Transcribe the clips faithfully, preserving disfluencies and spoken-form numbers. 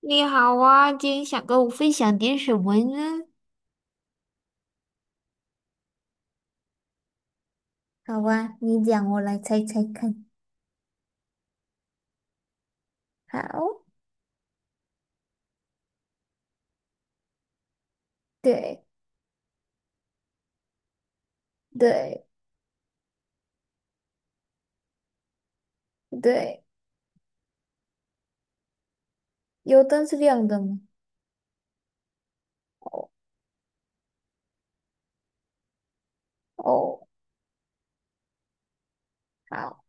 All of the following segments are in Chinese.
你好啊，今天想跟我分享点什么呢？好啊，你讲，我来猜猜看。好，对对对，油灯是亮的吗？哦哦，好，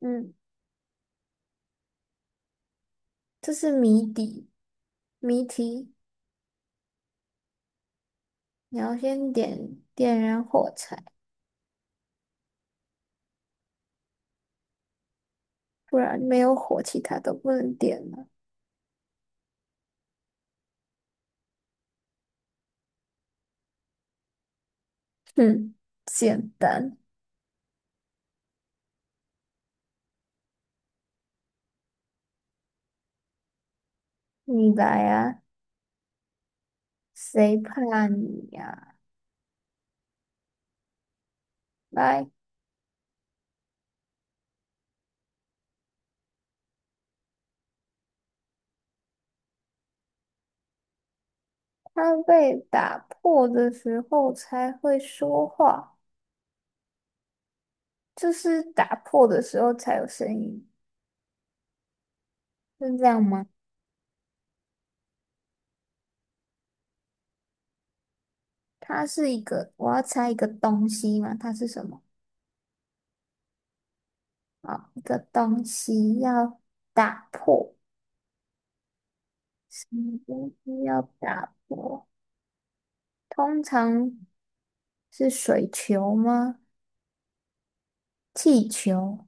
嗯，这是谜底，谜题，你要先点点燃火柴，不然没有火，其他都不能点了。哼，简单，你来啊，谁怕你呀、来，它被打破的时候才会说话。就是打破的时候才有声音，是这样吗？它是一个，我要猜一个东西嘛，它是什么？啊，一个东西要打破，什么东西要打破？通常是水球吗？气球，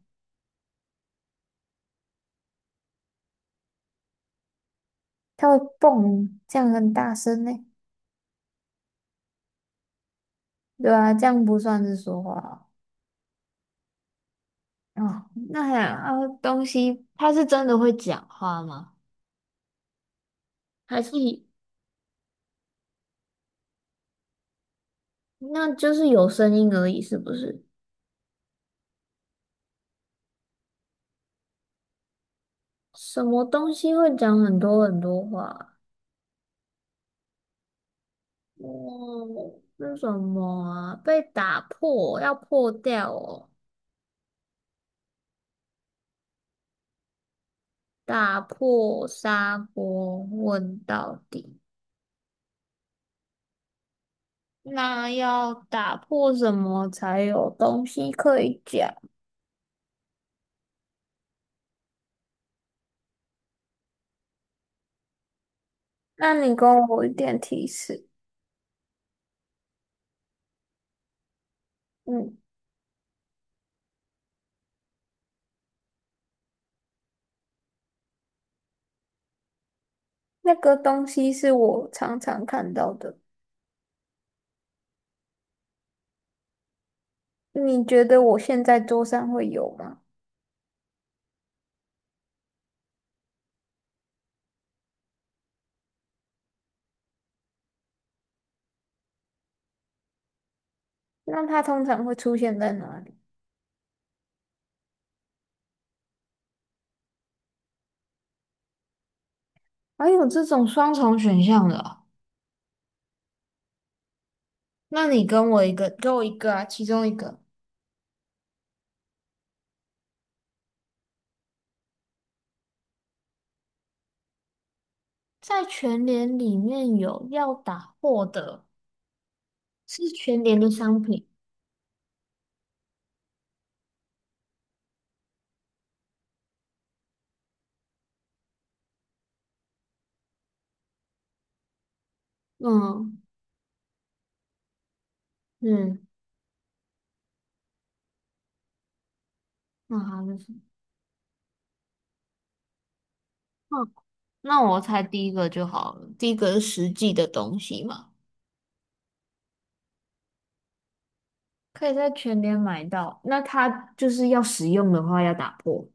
它会蹦，这样很大声呢。对啊，这样不算是说话哦。哦那还啊，东西它是真的会讲话吗？还是那就是有声音而已，是不是？什么东西会讲很多很多话？哦，是什么啊？被打破，要破掉哦。打破砂锅问到底，那要打破什么才有东西可以讲？那你给我一点提示。嗯，那个东西是我常常看到的，你觉得我现在桌上会有吗？那它通常会出现在哪里？还有这种双重选项的哦，那你跟我一个，给我一个啊，其中一个，在全联里面有要打货的，是全联的商品。嗯嗯，那好像是，嗯，那我猜第一个就好了，第一个是实际的东西嘛，可以在全联买到。那它就是要使用的话要打破，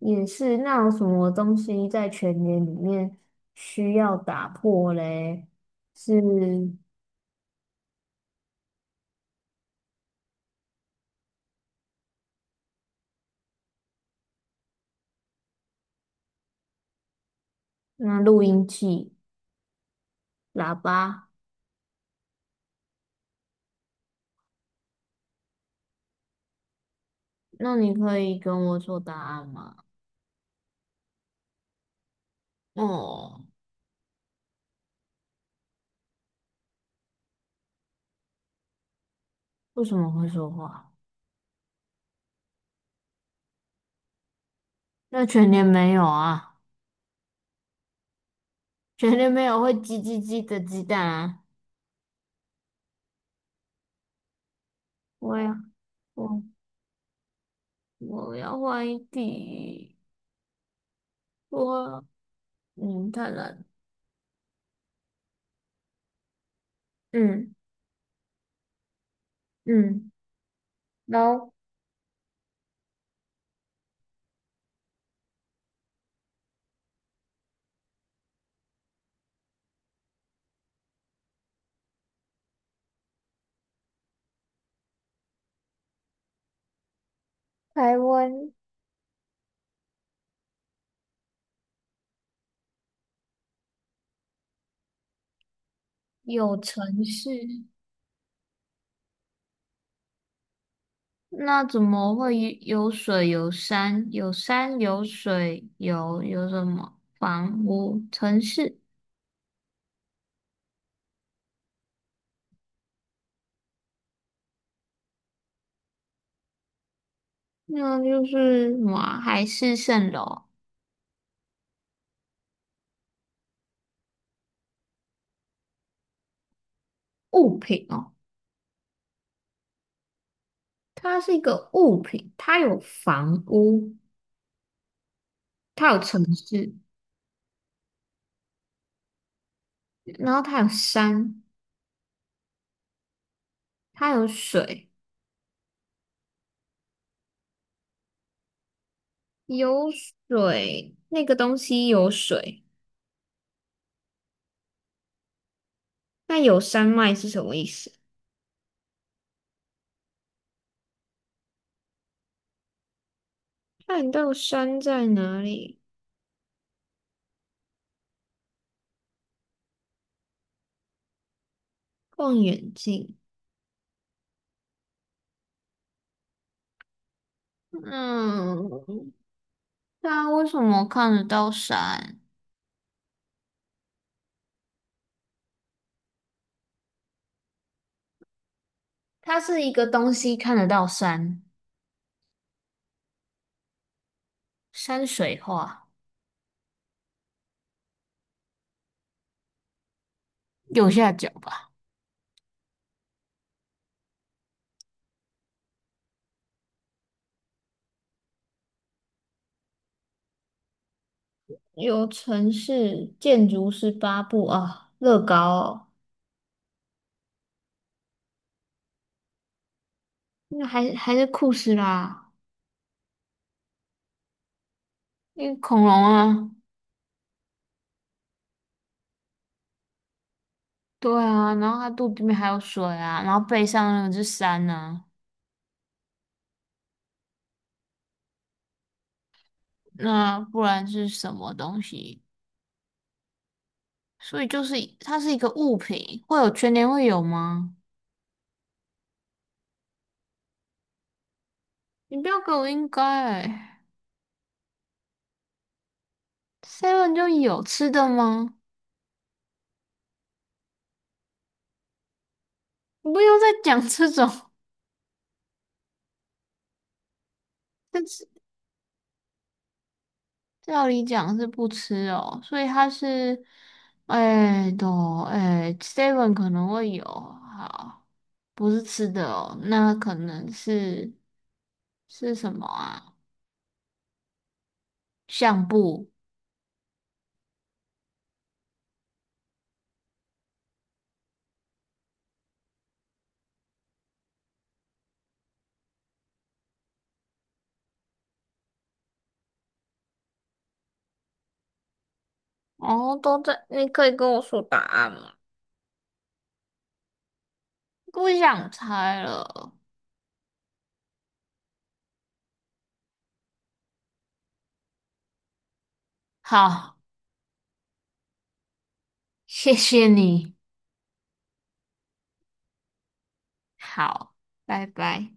也是。那有什么东西在全联里面需要打破嘞？是那录音器、喇叭。那你可以跟我说答案吗？哦，为什么会说话？那全年没有啊，全年没有会叽叽叽的鸡蛋啊。我要我我要换一题。我嗯太难了。嗯嗯，然后台湾有城市，那怎么会有有水有山？有山有水有有什么房屋城市？那就是什么啊海市蜃楼。物品哦，它是一个物品，它有房屋，它有城市，然后它有山，它有水，有水，那个东西有水，那有山脉是什么意思？看到山在哪里？望远镜，嗯，那为什么看得到山？它是一个东西看得到山，山水画右下角吧。有城市建筑师八部啊，乐高哦，那还还是酷斯啦，那个恐龙啊，对啊，然后它肚子里面还有水啊，然后背上那个是山呢，那不然是什么东西？所以就是它是一个物品，会有全年会有吗？你不要给我应该欸，seven 就有吃的吗？你不要再讲这种，是。照理讲是不吃哦，所以它是，哎都哎，seven 可能会有，好，不是吃的哦，那可能是是什么啊？相簿，哦，都在，你可以跟我说答案吗？不想猜了。好，谢谢你，好，拜拜。